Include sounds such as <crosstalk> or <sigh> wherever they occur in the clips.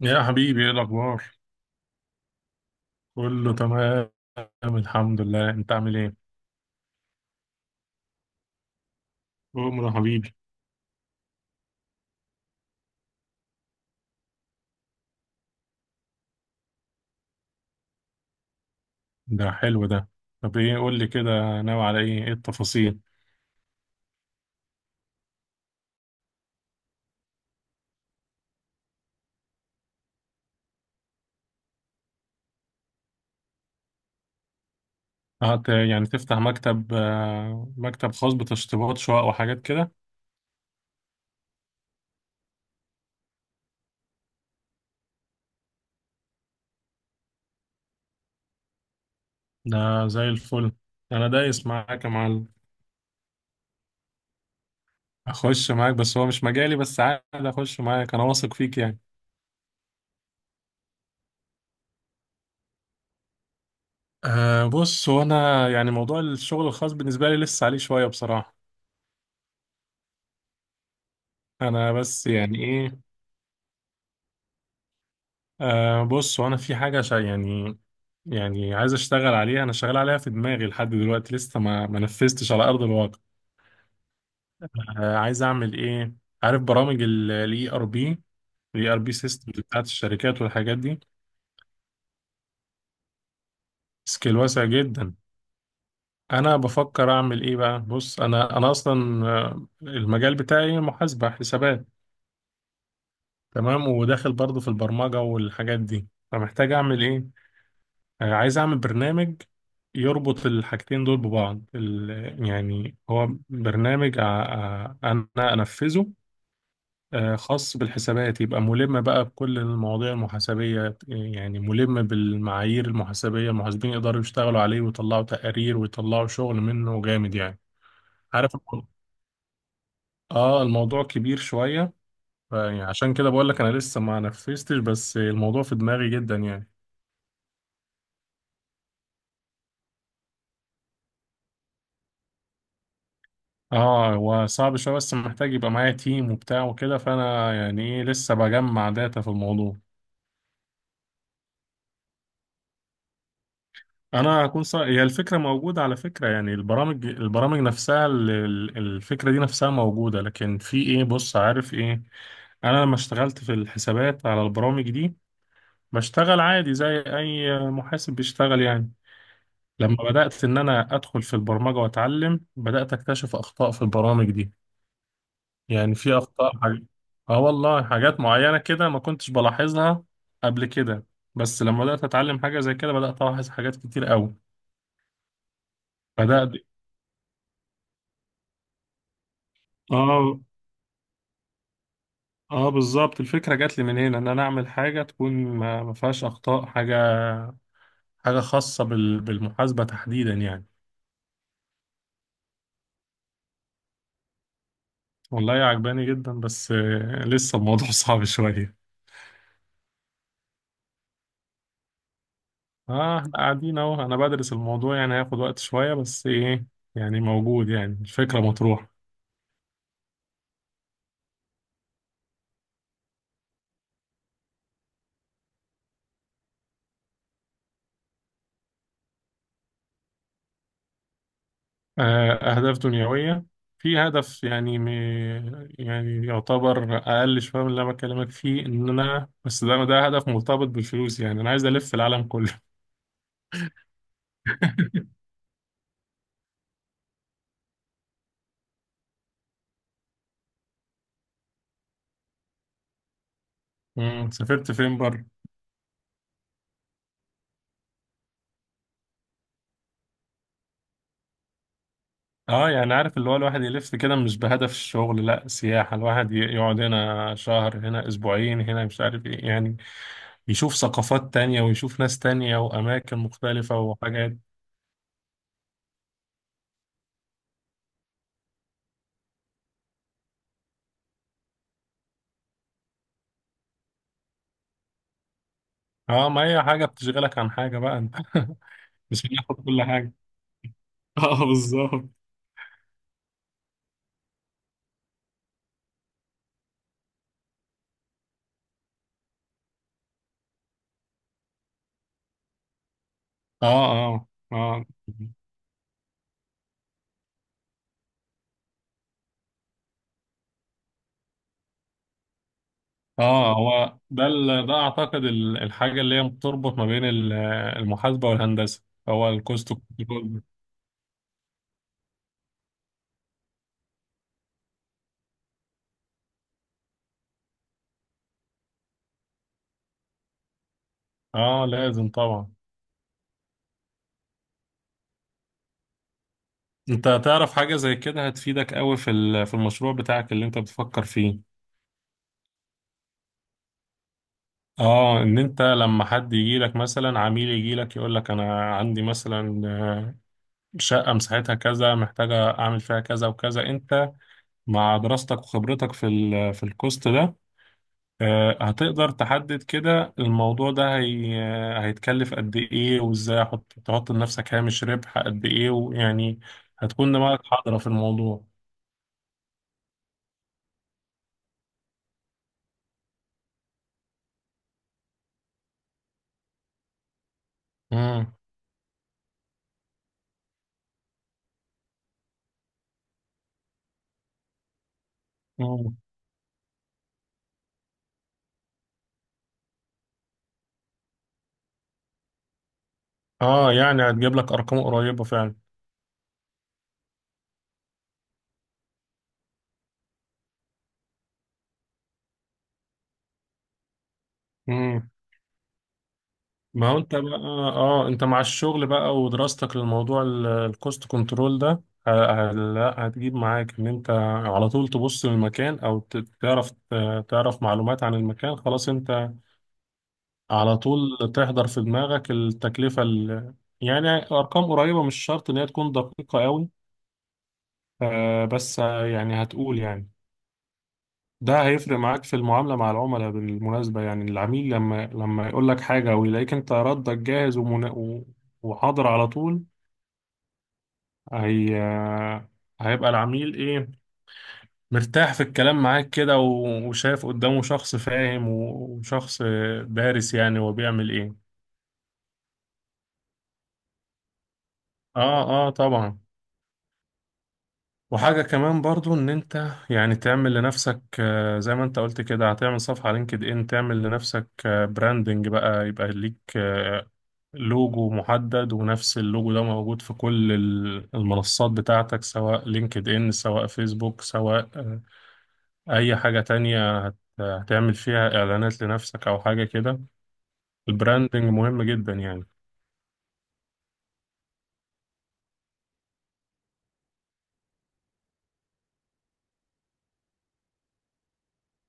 يا حبيبي، ايه الاخبار؟ كله تمام، الحمد لله. انت عامل ايه، عمر يا حبيبي؟ ده حلو ده. طب ايه، قول لي كده، ناوي على ايه، ايه التفاصيل؟ هت يعني تفتح مكتب، مكتب خاص بتشطيبات شقق وحاجات كده. ده زي الفل، انا دايس معاك يا معلم. اخش معاك، بس هو مش مجالي، بس عادي اخش معاك، انا واثق فيك يعني. أه، بص، هو انا يعني موضوع الشغل الخاص بالنسبه لي لسه عليه شويه بصراحه. انا بس يعني إيه، أه بص، وانا في حاجة شا يعني. يعني عايز اشتغل عليها، انا شغال عليها في دماغي لحد دلوقتي، لسه ما نفذتش على ارض الواقع. أه، عايز اعمل ايه؟ عارف برامج الاي ار بي، الاي ار بي سيستمز بتاعت الشركات والحاجات دي؟ سكيل واسع جدا. انا بفكر اعمل ايه بقى، بص، انا اصلا المجال بتاعي محاسبة حسابات. تمام، وداخل برضو في البرمجة والحاجات دي، فمحتاج اعمل ايه. عايز اعمل برنامج يربط الحاجتين دول ببعض، يعني هو برنامج انا انفذه. خاص بالحسابات، يبقى ملم بقى بكل المواضيع المحاسبية، يعني ملم بالمعايير المحاسبية، المحاسبين يقدروا يشتغلوا عليه ويطلعوا تقارير ويطلعوا شغل منه جامد يعني. عارف الموضوع- اه، الموضوع كبير شوية. فيعني عشان كده بقول لك انا لسه ما نفذتش، بس الموضوع في دماغي جدا يعني. اه، هو صعب شوية، بس محتاج يبقى معايا تيم وبتاع وكده، فأنا يعني إيه، لسه بجمع داتا في الموضوع. هي الفكرة موجودة على فكرة، يعني البرامج نفسها، الفكرة دي نفسها موجودة، لكن في إيه، بص، عارف إيه. أنا لما اشتغلت في الحسابات على البرامج دي، بشتغل عادي زي أي محاسب بيشتغل يعني. لما بدأت إن أنا أدخل في البرمجة وأتعلم، بدأت أكتشف أخطاء في البرامج دي. يعني في اخطاء حاجة. اه والله، حاجات معينة كده ما كنتش بلاحظها قبل كده، بس لما بدأت اتعلم حاجة زي كده بدأت الاحظ حاجات كتير قوي، بدأت. اه، اه، بالظبط، الفكرة جات لي من هنا، ان انا اعمل حاجة تكون ما فيهاش اخطاء حاجة. حاجة خاصة بالمحاسبة تحديدا يعني. والله عجباني جدا، بس لسه الموضوع <laughs> صعب شوية. اه، احنا قاعدين اهو، انا بدرس الموضوع يعني، هياخد وقت شوية، بس ايه، يعني موجود، يعني الفكرة مطروحة. آه، أهداف دنيوية. في هدف يعني يعني يعتبر أقل شوية من اللي أنا بكلمك فيه، إن أنا بس ده هدف مرتبط بالفلوس، يعني أنا عايز ألف العالم كله. <laughs> مم. سافرت فين بره؟ أه، يعني عارف اللي هو الواحد يلف كده مش بهدف الشغل، لأ سياحة، الواحد يقعد هنا شهر، هنا أسبوعين، هنا مش عارف إيه، يعني يشوف ثقافات تانية ويشوف ناس تانية وأماكن مختلفة وحاجات. أه، ما هي حاجة بتشغلك عن حاجة بقى أنت. <laughs> مش هناخد كل حاجة، اه بالظبط. اه، اه، اه، اه، هو ده ده اعتقد الحاجه اللي هي بتربط ما بين المحاسبه والهندسه، هو الكوست كنترول. اه لازم طبعا. انت تعرف حاجه زي كده هتفيدك قوي في في المشروع بتاعك اللي انت بتفكر فيه. اه، ان انت لما حد يجي لك مثلا، عميل يجي لك يقول لك انا عندي مثلا شقه مساحتها كذا محتاجه اعمل فيها كذا وكذا، انت مع دراستك وخبرتك في في الكوست ده، هتقدر تحدد كده الموضوع ده هيتكلف قد ايه، وازاي تحط لنفسك هامش ربح قد ايه، ويعني هتكون دماغك حاضرة في الموضوع. مم. مم. اه يعني هتجيب لك ارقام قريبة فعلا. مم. ما هو انت بقى، اه انت مع الشغل بقى ودراستك للموضوع الكوست كنترول ده، لا هتجيب معاك ان انت على طول تبص للمكان، او تعرف معلومات عن المكان، خلاص انت على طول تحضر في دماغك التكلفة يعني أرقام قريبة، مش شرط إن هي تكون دقيقة قوي، بس يعني هتقول يعني، ده هيفرق معاك في المعاملة مع العملاء بالمناسبة، يعني العميل لما يقول لك حاجة ويلاقيك أنت ردك جاهز، وحاضر على طول، هي آه، هيبقى العميل إيه، مرتاح في الكلام معاك كده، وشايف قدامه شخص فاهم، وشخص دارس، يعني هو بيعمل إيه. آه، آه، طبعا. وحاجة كمان برضو، ان انت يعني تعمل لنفسك، زي ما انت قلت كده، هتعمل صفحة على لينكد ان، تعمل لنفسك براندنج بقى، يبقى ليك لوجو محدد، ونفس اللوجو ده موجود في كل المنصات بتاعتك، سواء لينكد ان، سواء فيسبوك، سواء اي حاجة تانية هتعمل فيها اعلانات لنفسك او حاجة كده. البراندنج مهم جدا يعني.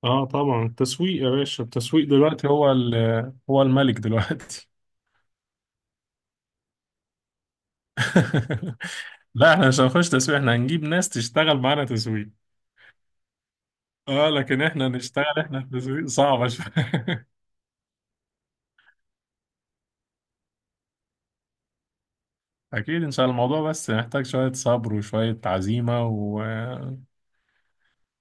اه طبعا، التسويق يا باشا، التسويق دلوقتي هو الملك دلوقتي. <laughs> لا، احنا مش هنخش تسويق، احنا هنجيب ناس تشتغل معانا تسويق. اه، لكن احنا نشتغل احنا في تسويق صعبة شوية. <laughs> اكيد ان شاء الله. الموضوع بس محتاج شوية صبر وشوية عزيمة، و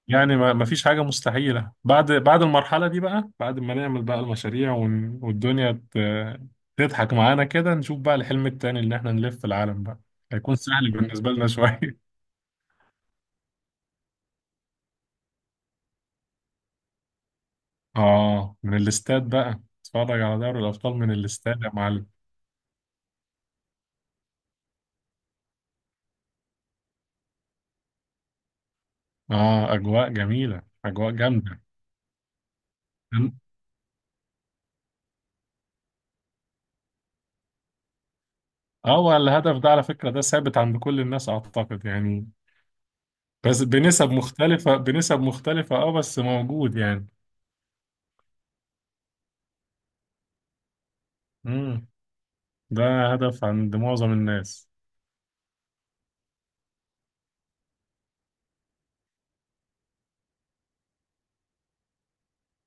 يعني ما فيش حاجة مستحيلة، بعد المرحلة دي بقى، بعد ما نعمل بقى المشاريع والدنيا تضحك معانا كده، نشوف بقى الحلم التاني اللي احنا نلف العالم بقى، هيكون سهل بالنسبة لنا شوية. <laughs> اه، من الاستاد بقى، اتفرج على دوري الابطال من الاستاد يا معلم. اه، اجواء جميله، اجواء جامده. أم- اه، والهدف ده على فكره ده ثابت عند كل الناس اعتقد يعني. بس بنسب مختلفه، بنسب مختلفه، اه بس موجود يعني. امم ده هدف عند معظم الناس.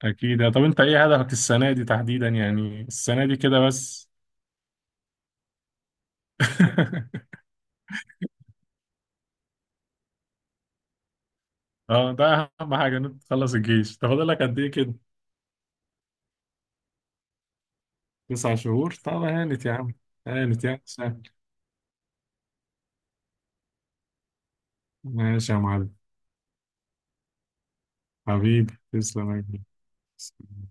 اكيد. طب انت ايه هدفك السنه دي تحديدا، يعني السنه دي كده بس؟ <laughs> اه، ده اهم حاجه ان انت تخلص الجيش. طب فاضل لك قد ايه كده؟ 9 شهور، طب هانت يا عم. هانت يا عم، سهل. ماشي يا معلم، حبيبي تسلم يا كبير.